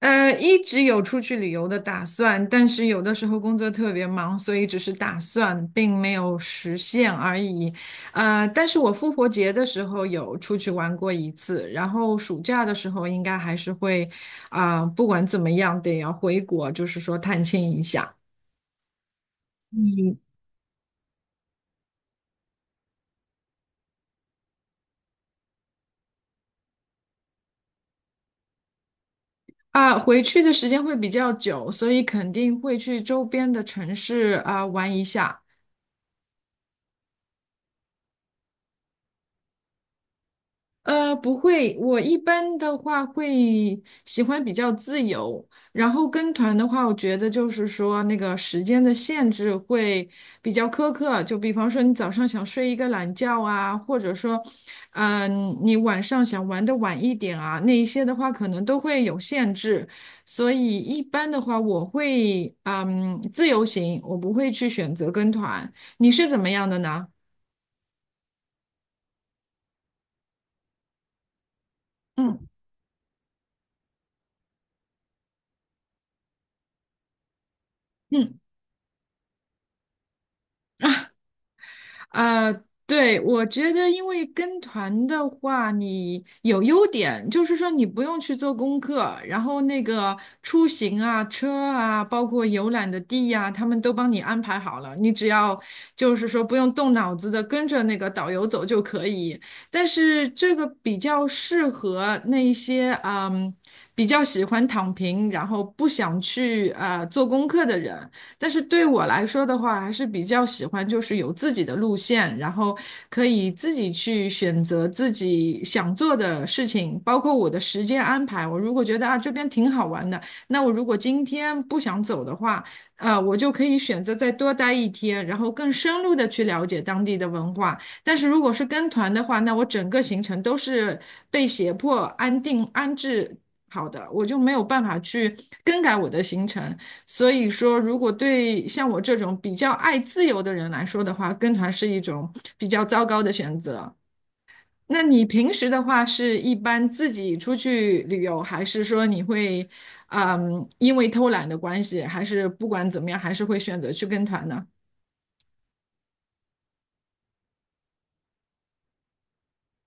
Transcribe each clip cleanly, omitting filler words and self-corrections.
一直有出去旅游的打算，但是有的时候工作特别忙，所以只是打算，并没有实现而已。但是我复活节的时候有出去玩过一次，然后暑假的时候应该还是会，不管怎么样得要回国，就是说探亲一下。嗯。回去的时间会比较久，所以肯定会去周边的城市啊、玩一下。不会，我一般的话会喜欢比较自由，然后跟团的话，我觉得就是说那个时间的限制会比较苛刻，就比方说你早上想睡一个懒觉啊，或者说，你晚上想玩的晚一点啊，那一些的话可能都会有限制，所以一般的话我会自由行，我不会去选择跟团，你是怎么样的呢？嗯嗯。啊，对，我觉得，因为跟团的话，你有优点，就是说你不用去做功课，然后那个出行啊、车啊，包括游览的地呀、他们都帮你安排好了，你只要就是说不用动脑子的跟着那个导游走就可以。但是这个比较适合那一些比较喜欢躺平，然后不想去啊、做功课的人。但是对我来说的话，还是比较喜欢就是有自己的路线，然后可以自己去选择自己想做的事情，包括我的时间安排。我如果觉得啊这边挺好玩的，那我如果今天不想走的话，我就可以选择再多待一天，然后更深入的去了解当地的文化。但是如果是跟团的话，那我整个行程都是被胁迫安定安置好的，我就没有办法去更改我的行程。所以说，如果对像我这种比较爱自由的人来说的话，跟团是一种比较糟糕的选择。那你平时的话，是一般自己出去旅游，还是说你会，因为偷懒的关系，还是不管怎么样，还是会选择去跟团呢？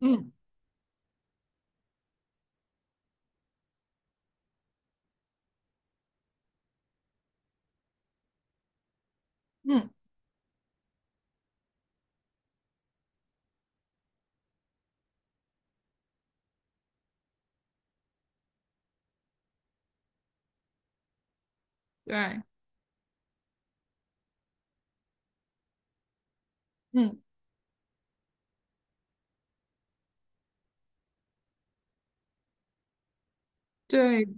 嗯嗯，对，嗯对。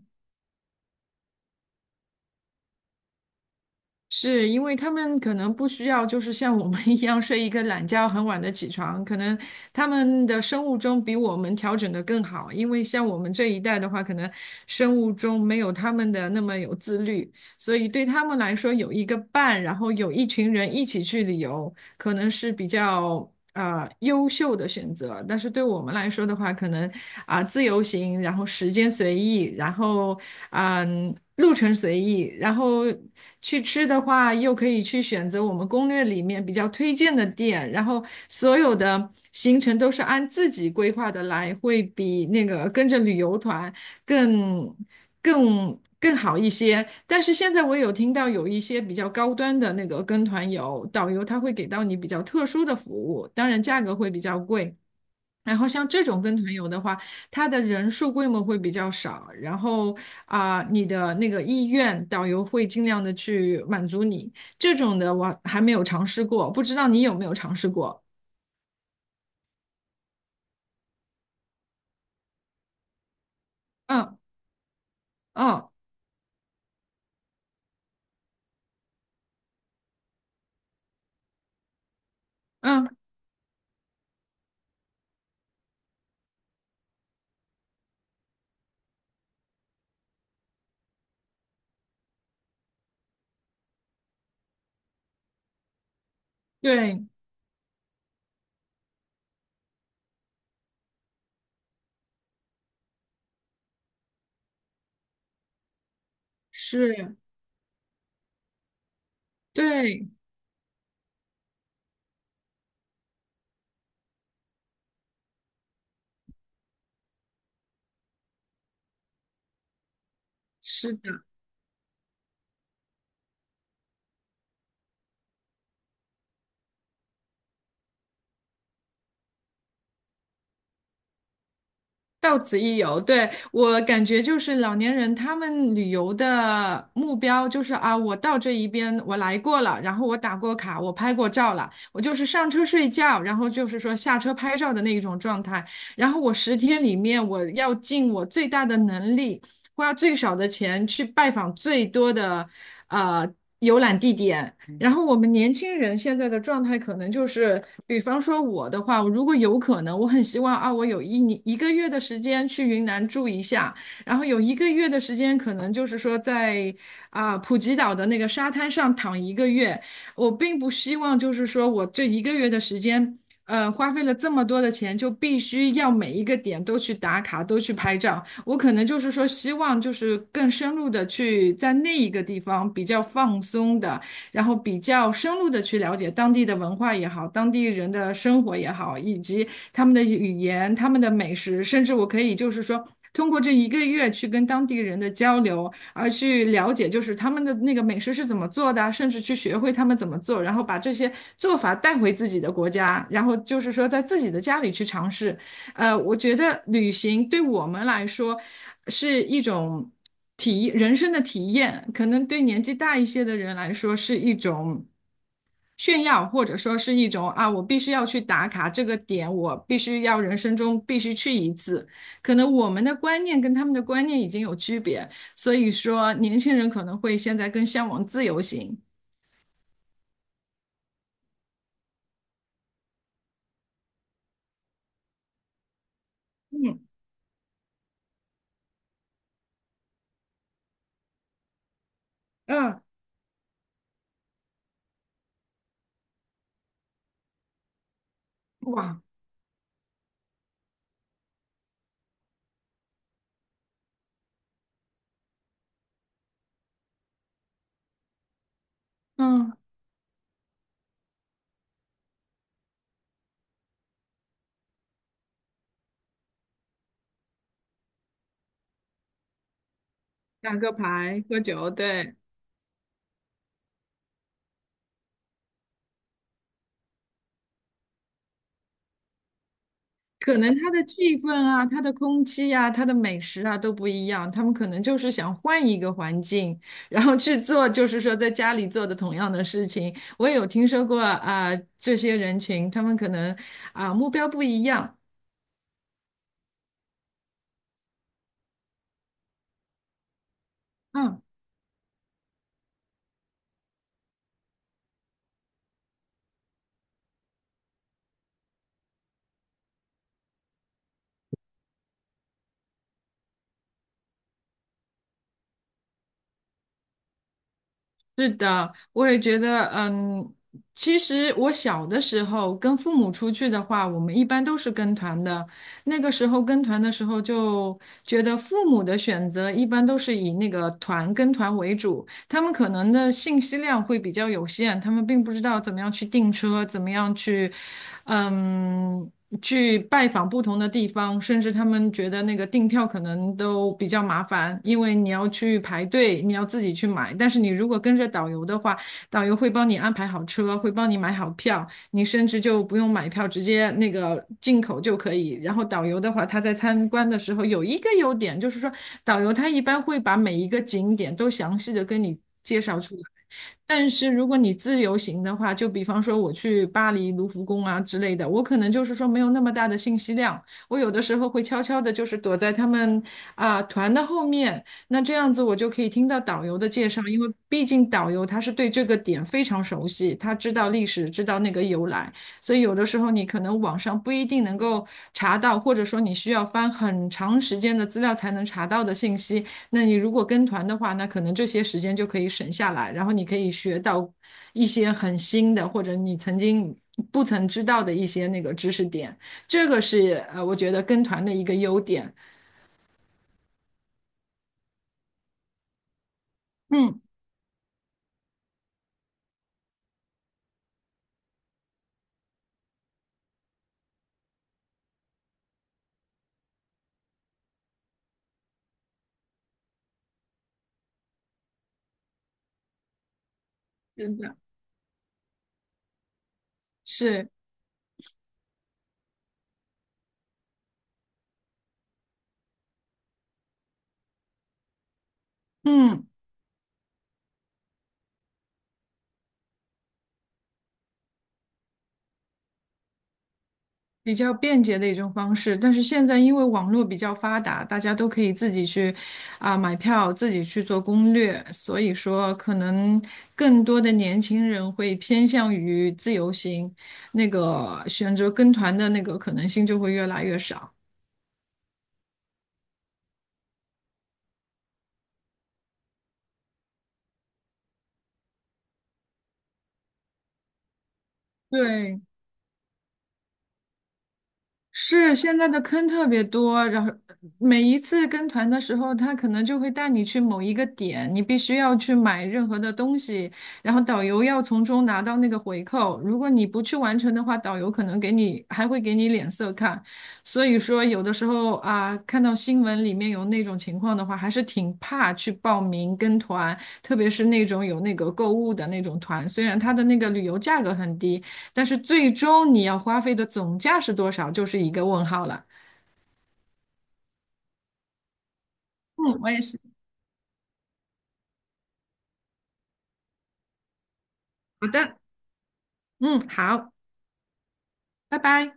是因为他们可能不需要，就是像我们一样睡一个懒觉，很晚的起床。可能他们的生物钟比我们调整的更好，因为像我们这一代的话，可能生物钟没有他们的那么有自律，所以对他们来说有一个伴，然后有一群人一起去旅游，可能是比较优秀的选择，但是对我们来说的话，可能自由行，然后时间随意，然后路程随意，然后去吃的话又可以去选择我们攻略里面比较推荐的店，然后所有的行程都是按自己规划的来，会比那个跟着旅游团。更更好一些。但是现在我有听到有一些比较高端的那个跟团游，导游他会给到你比较特殊的服务，当然价格会比较贵。然后像这种跟团游的话，它的人数规模会比较少，然后你的那个意愿，导游会尽量的去满足你。这种的我还没有尝试过，不知道你有没有尝试过？嗯嗯嗯，对，是，对，是的。到此一游，对，我感觉就是老年人他们旅游的目标就是啊，我到这一边我来过了，然后我打过卡，我拍过照了，我就是上车睡觉，然后就是说下车拍照的那一种状态。然后我十天里面我要尽我最大的能力，花最少的钱去拜访最多的呃游览地点，然后我们年轻人现在的状态可能就是，比方说我的话，如果有可能，我很希望啊，我有一年一个月的时间去云南住一下，然后有一个月的时间，可能就是说在普吉岛的那个沙滩上躺一个月。我并不希望就是说我这一个月的时间，花费了这么多的钱，就必须要每一个点都去打卡，都去拍照。我可能就是说希望就是更深入的去在那一个地方比较放松的。然后比较深入的去了解当地的文化也好，当地人的生活也好，以及他们的语言、他们的美食，甚至我可以就是说。通过这一个月去跟当地人的交流，而去了解就是他们的那个美食是怎么做的啊甚至去学会他们怎么做，然后把这些做法带回自己的国家，然后就是说在自己的家里去尝试，我觉得旅行对我们来说是一种人生的体验，可能对年纪大一些的人来说是一种炫耀，或者说是一种啊，我必须要去打卡这个点，我必须要人生中必须去一次。可能我们的观念跟他们的观念已经有区别，所以说年轻人可能会现在更向往自由行。嗯嗯，哇，嗯，打个牌，喝酒，对。可能他的气氛啊、他的空气啊、他的美食啊都不一样，他们可能就是想换一个环境，然后去做，就是说在家里做的同样的事情。我也有听说过这些人群他们可能目标不一样，嗯，我也觉得，嗯，其实我小的时候跟父母出去的话，我们一般都是跟团的。那个时候跟团的时候，就觉得父母的选择一般都是以那个团跟团为主，他们可能的信息量会比较有限，他们并不知道怎么样去订车，怎么样去，嗯。去拜访不同的地方，甚至他们觉得那个订票可能都比较麻烦，因为你要去排队，你要自己去买。但是你如果跟着导游的话，导游会帮你安排好车，会帮你买好票，你甚至就不用买票，直接那个进口就可以。然后导游的话，他在参观的时候有一个优点，就是说导游他一般会把每一个景点都详细的跟你介绍出来。但是如果你自由行的话，就比方说我去巴黎卢浮宫啊之类的，我可能就是说没有那么大的信息量，我有的时候会悄悄的，就是躲在他们团的后面，那这样子我就可以听到导游的介绍，因为毕竟导游他是对这个点非常熟悉，他知道历史，知道那个由来，所以有的时候你可能网上不一定能够查到，或者说你需要翻很长时间的资料才能查到的信息。那你如果跟团的话，那可能这些时间就可以省下来，然后你可以学到一些很新的，或者你曾经不曾知道的一些那个知识点。这个是我觉得跟团的一个优点。嗯，真的是，嗯。比较便捷的一种方式，但是现在因为网络比较发达，大家都可以自己去买票，自己去做攻略，所以说可能更多的年轻人会偏向于自由行，那个选择跟团的那个可能性就会越来越少。对，是现在的坑特别多，然后每一次跟团的时候，他可能就会带你去某一个点，你必须要去买任何的东西，然后导游要从中拿到那个回扣。如果你不去完成的话，导游可能给你还会给你脸色看。所以说，有的时候啊，看到新闻里面有那种情况的话，还是挺怕去报名跟团，特别是那种有那个购物的那种团，虽然它的那个旅游价格很低。但是最终你要花费的总价是多少，就是一个问号了。嗯，我也是。好的，嗯，好，拜拜。